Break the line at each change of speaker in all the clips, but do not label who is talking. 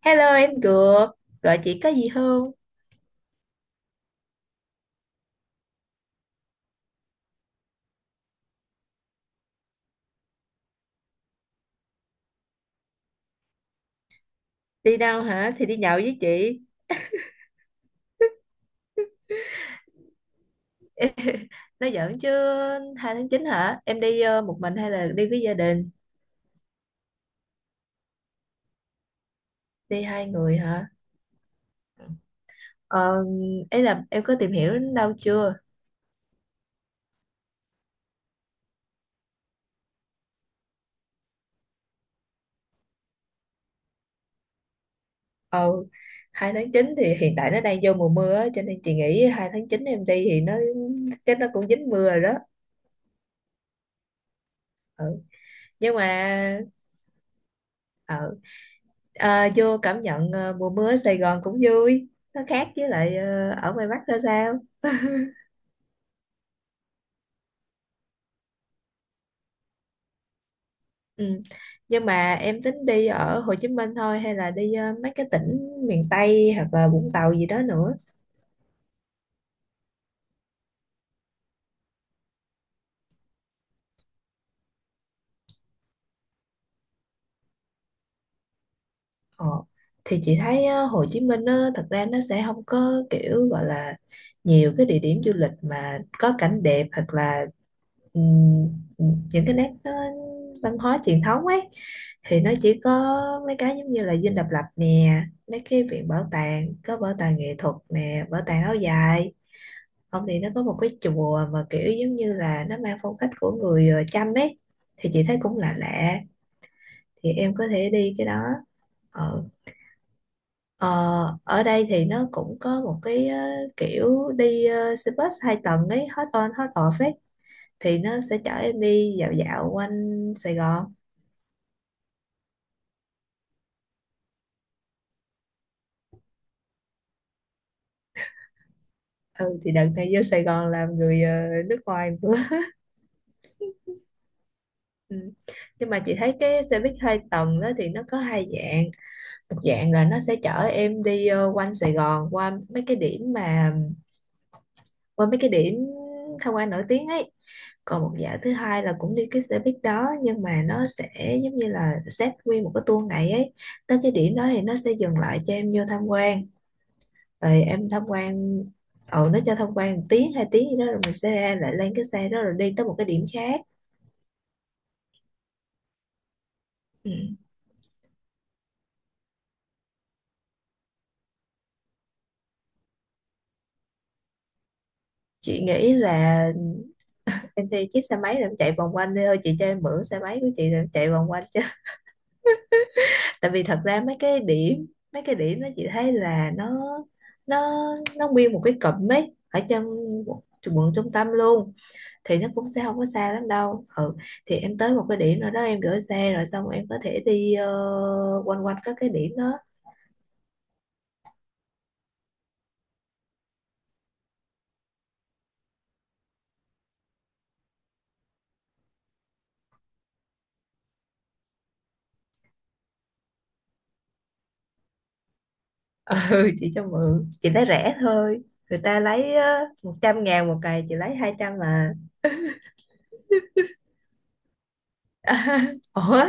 Hello em Cược, gọi chị có gì không? Đi đâu hả? Thì đi nhậu với chị. Nói giỡn chứ 2/9 hả? Em đi một mình hay là đi với gia đình? Đi hai người hả? Ờ, ấy là em có tìm hiểu đến đâu chưa? Ờ, 2 tháng chín thì hiện tại nó đang vô mùa mưa á, cho nên chị nghĩ 2/9 em đi thì nó chắc nó cũng dính mưa rồi đó. Ừ. Nhưng mà ờ, vô cảm nhận mùa mưa ở Sài Gòn cũng vui. Nó khác với lại ở ngoài Bắc ra sao? Ừ. Nhưng mà em tính đi ở Hồ Chí Minh thôi hay là đi mấy cái tỉnh miền Tây hoặc là Vũng Tàu gì đó nữa? Ờ, thì chị thấy á, Hồ Chí Minh á, thật ra nó sẽ không có kiểu gọi là nhiều cái địa điểm du lịch mà có cảnh đẹp hoặc là ừm, những cái nét văn hóa truyền thống ấy thì nó chỉ có mấy cái giống như là Dinh Độc Lập nè, mấy cái viện bảo tàng có bảo tàng nghệ thuật nè bảo tàng áo dài, không thì nó có một cái chùa mà kiểu giống như là nó mang phong cách của người Chăm ấy thì chị thấy cũng lạ lạ, thì em có thể đi cái đó. Ờ, ờ, ở đây thì nó cũng có một cái kiểu đi xe bus hai tầng ấy, hot on hot off ấy, thì nó sẽ chở em đi dạo dạo quanh Sài Gòn. Ừ thì đợt này vô Sài Gòn làm người nước ngoài nữa ừ. Nhưng mà chị thấy cái xe buýt hai tầng đó thì nó có hai dạng, một dạng là nó sẽ chở em đi quanh Sài Gòn qua mấy cái điểm, mà qua mấy cái điểm tham quan nổi tiếng ấy. Còn một dạo thứ hai là cũng đi cái xe buýt đó nhưng mà nó sẽ giống như là xếp nguyên một cái tour ngày ấy, tới cái điểm đó thì nó sẽ dừng lại cho em vô tham quan rồi em tham quan, ừ nó cho tham quan một tiếng hai tiếng gì đó rồi mình sẽ ra lại lên cái xe đó rồi đi tới một cái điểm khác. Ừ. Chị nghĩ là em thuê chiếc xe máy rồi em chạy vòng quanh đi thôi, chị cho em mượn xe máy của chị rồi em chạy vòng quanh, tại vì thật ra mấy cái điểm nó chị thấy là nó nó nguyên một cái cụm ấy ở trong quận quận trung tâm luôn, thì nó cũng sẽ không có xa lắm đâu, ừ thì em tới một cái điểm nào đó em gửi xe rồi xong em có thể đi quanh quanh các cái điểm đó. Ừ chị cho mượn chị lấy rẻ thôi, người ta lấy 100.000 một cày chị lấy 200 mà. Ủa,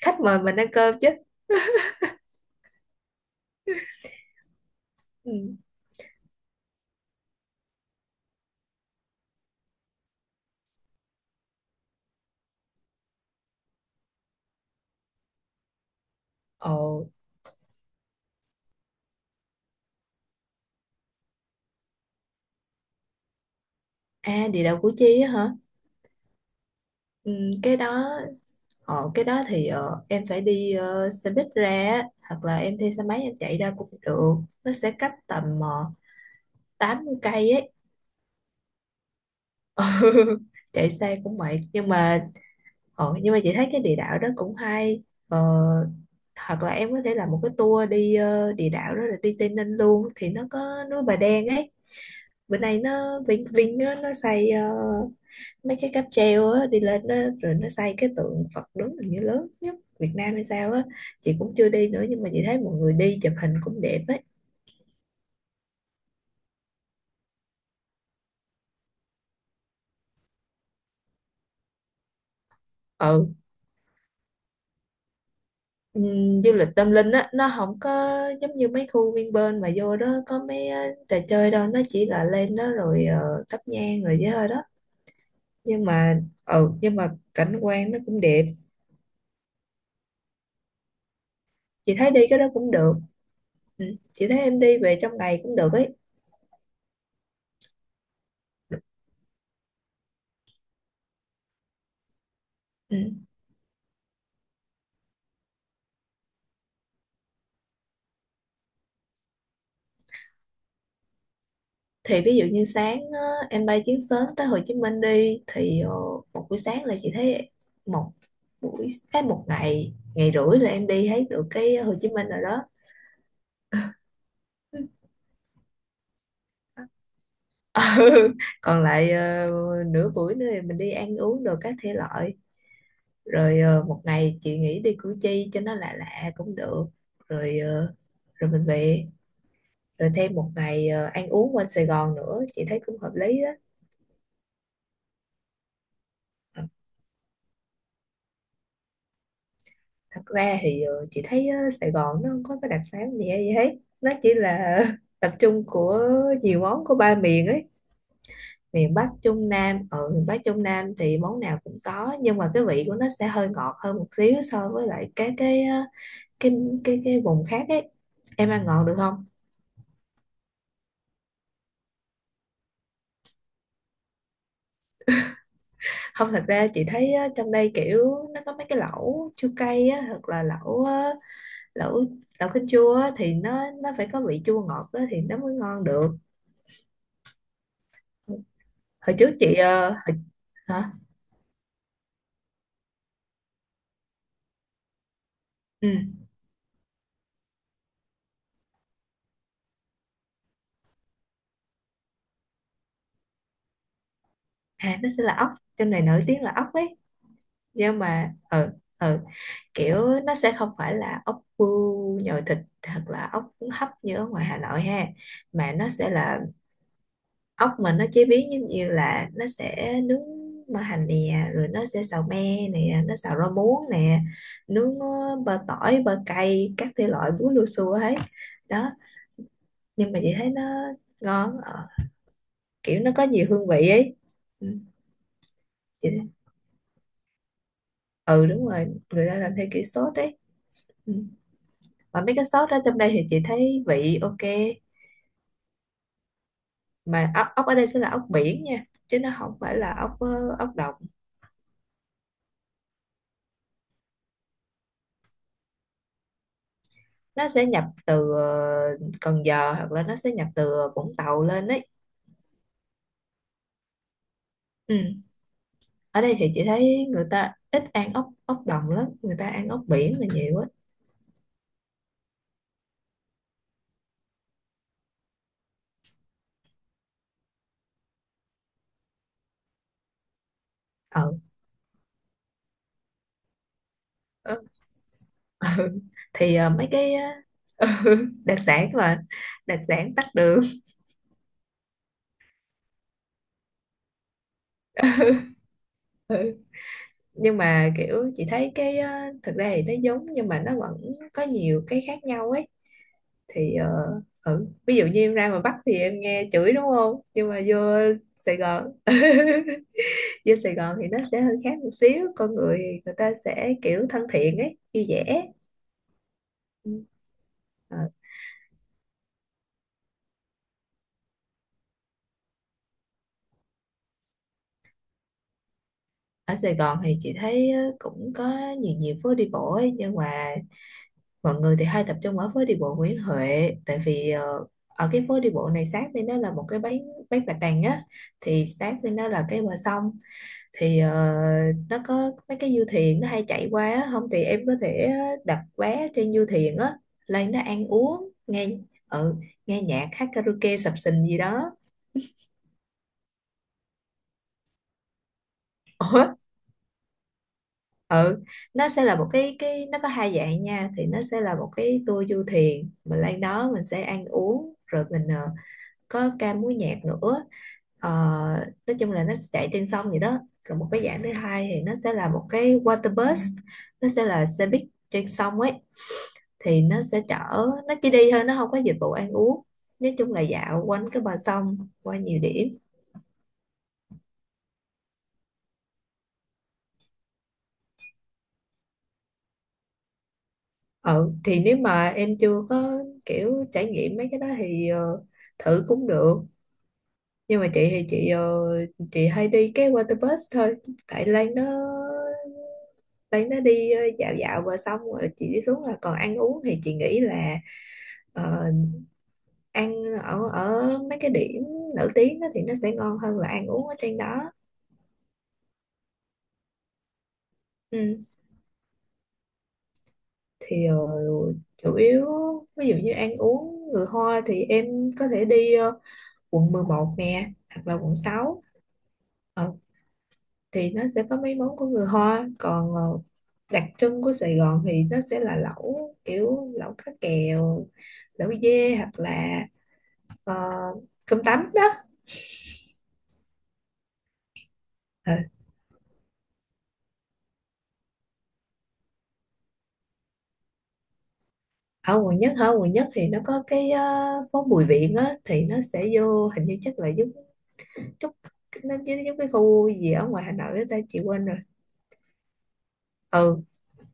khách mời mình ăn cơm chứ. Ừ. Ồ. À địa đạo Củ Chi á hả, ừ, cái đó. Ờ, cái đó thì em phải đi xe buýt ra á, hoặc là em thuê xe máy em chạy ra cũng được, nó sẽ cách tầm 80 cây ấy. Ừ, chạy xe cũng mệt nhưng mà nhưng mà chị thấy cái địa đạo đó cũng hay. Ờ, hoặc là em có thể làm một cái tour đi địa đạo đó rồi đi Tây Ninh luôn thì nó có núi Bà Đen ấy, bữa nay nó Vinh Vinh á, nó xây mấy cái cáp treo á đi lên đó, rồi nó xây cái tượng Phật đứng hình như lớn nhất Việt Nam hay sao á, chị cũng chưa đi nữa nhưng mà chị thấy mọi người đi chụp hình cũng đẹp ấy. Ừ, du lịch tâm linh á nó không có giống như mấy khu Vinpearl mà vô đó có mấy trò chơi đâu, nó chỉ là lên đó rồi thắp nhang rồi với thôi đó, nhưng mà ừ nhưng mà cảnh quan nó cũng đẹp. Chị thấy đi cái đó cũng được, ừ, chị thấy em đi về trong ngày cũng được ấy. Ừ. Thì ví dụ như sáng á, em bay chuyến sớm tới Hồ Chí Minh đi thì một buổi sáng là chị thấy một buổi một ngày ngày rưỡi là em đi thấy được cái Hồ Chí Minh rồi đó. Ừ. Còn lại nửa buổi nữa thì mình đi ăn uống đồ các thể loại, rồi một ngày chị nghĩ đi Củ Chi cho nó lạ lạ cũng được, rồi ờ, rồi mình về rồi thêm một ngày ăn uống quanh Sài Gòn nữa chị thấy cũng hợp lý đó. Thật ra thì chị thấy Sài Gòn nó không có cái đặc sản gì hay gì hết, nó chỉ là tập trung của nhiều món của ba miền ấy, miền Bắc Trung Nam. Ở miền Bắc Trung Nam thì món nào cũng có nhưng mà cái vị của nó sẽ hơi ngọt hơn một xíu so với lại các cái cái cái vùng khác ấy, em ăn ngọt được không. Không, thật ra chị thấy trong đây kiểu nó có mấy cái lẩu chua cay á, hoặc là lẩu ờ, lẩu lẩu kinh chua á, thì nó phải có vị chua ngọt đó thì nó mới ngon được. Ừ. Hồi trước chị hồi, hả, ừ. À nó sẽ là ốc, trong này nổi tiếng là ốc ấy, nhưng mà ừ, ừ kiểu nó sẽ không phải là ốc bươu nhồi thịt hoặc là ốc cuốn hấp như ở ngoài Hà Nội ha, mà nó sẽ là ốc mà nó chế biến giống như là nó sẽ nướng mỡ hành nè, rồi nó sẽ xào me nè, nó xào rau muống nè, nướng bơ tỏi bơ cay các thể loại, bún lua xua hết đó, nhưng mà chị thấy nó ngon, kiểu nó có nhiều hương vị ấy. Ừ. Chị, ừ đúng rồi, người ta làm theo kiểu sốt đấy. Ừ. Mà mấy cái sốt đó trong đây thì chị thấy vị ok, mà ốc ốc ở đây sẽ là ốc biển nha, chứ nó không phải là ốc ốc đồng, nó sẽ nhập từ Cần Giờ hoặc là nó sẽ nhập từ Vũng Tàu lên đấy. Ừ. Ở đây thì chị thấy người ta ít ăn ốc ốc đồng lắm, người ta ăn ốc biển là nhiều á. Ừ. Ừ. Ừ. Thì mấy cái ờ, đặc sản mà, đặc sản tắt đường. Ừ. Nhưng mà kiểu chị thấy cái thực ra thì nó giống nhưng mà nó vẫn có nhiều cái khác nhau ấy, thì ừ. Ví dụ như em ra ngoài Bắc thì em nghe chửi đúng không, nhưng mà vô Sài Gòn vô Sài Gòn thì nó sẽ hơi khác một xíu, con người thì người ta sẽ kiểu thân thiện ấy, vui vẻ. Ừ. Ờ, ở Sài Gòn thì chị thấy cũng có nhiều nhiều phố đi bộ ấy, nhưng mà mọi người thì hay tập trung ở phố đi bộ Nguyễn Huệ, tại vì ở cái phố đi bộ này sát bên đó là một cái bãi, bạch đằng á, thì sát bên đó là cái bờ sông, thì nó có mấy cái du thuyền nó hay chạy qua á, không thì em có thể đặt vé trên du thuyền á, lên đó ăn uống nghe, ừ, nghe nhạc hát karaoke sập sình gì đó. Ủa? Ừ nó sẽ là một cái nó có hai dạng nha, thì nó sẽ là một cái tour du thuyền mình lên đó mình sẽ ăn uống rồi mình có ca múa nhạc nữa. Ờ, nói chung là nó sẽ chạy trên sông vậy đó. Còn một cái dạng thứ hai thì nó sẽ là một cái water bus, nó sẽ là xe buýt trên sông ấy, thì nó sẽ chở, nó chỉ đi thôi nó không có dịch vụ ăn uống, nói chung là dạo quanh cái bờ sông qua nhiều điểm. Ừ thì nếu mà em chưa có kiểu trải nghiệm mấy cái đó thì thử cũng được, nhưng mà chị thì chị chị hay đi cái water bus thôi, tại Lan nó đấy nó đi dạo dạo và xong rồi chị đi xuống, là còn ăn uống thì chị nghĩ là ờ, ăn ở ở mấy cái điểm nổi tiếng đó thì nó sẽ ngon hơn là ăn uống ở trên đó. Ừ. Thì chủ yếu ví dụ như ăn uống người Hoa thì em có thể đi quận 11 nè hoặc là quận 6. Ờ, thì nó sẽ có mấy món của người Hoa, còn đặc trưng của Sài Gòn thì nó sẽ là lẩu, kiểu lẩu cá kèo, lẩu dê, hoặc là ờ, cơm tấm đó. Ờ, ở quận nhất hả, quận nhất thì nó có cái phố Bùi Viện á, thì nó sẽ vô hình như chắc là giống chút, nó giống giống cái khu gì ở ngoài Hà Nội á ta, chị quên rồi, ừ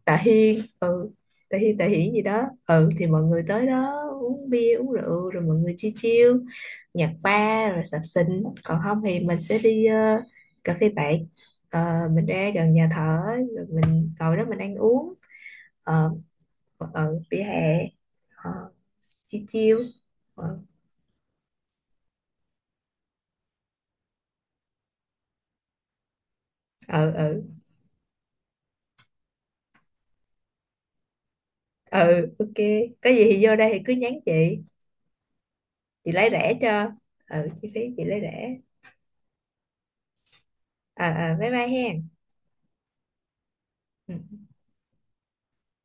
Tạ Hiên, ừ Tạ Hiên Tạ Hiển gì đó, ừ thì mọi người tới đó uống bia uống rượu rồi mọi người chill chill nhạc bar rồi sập sình, còn không thì mình sẽ đi cà phê bạn. Ờ, mình ra gần nhà thờ á, rồi mình ngồi đó mình ăn uống ờ, vỉa hè, ờ, chill chill. Ờ, ừ, ừ, ừ ok, có gì thì vô đây thì cứ nhắn chị lấy rẻ cho, ừ chi phí chị lấy rẻ. À, à bye bye hen. Ừ.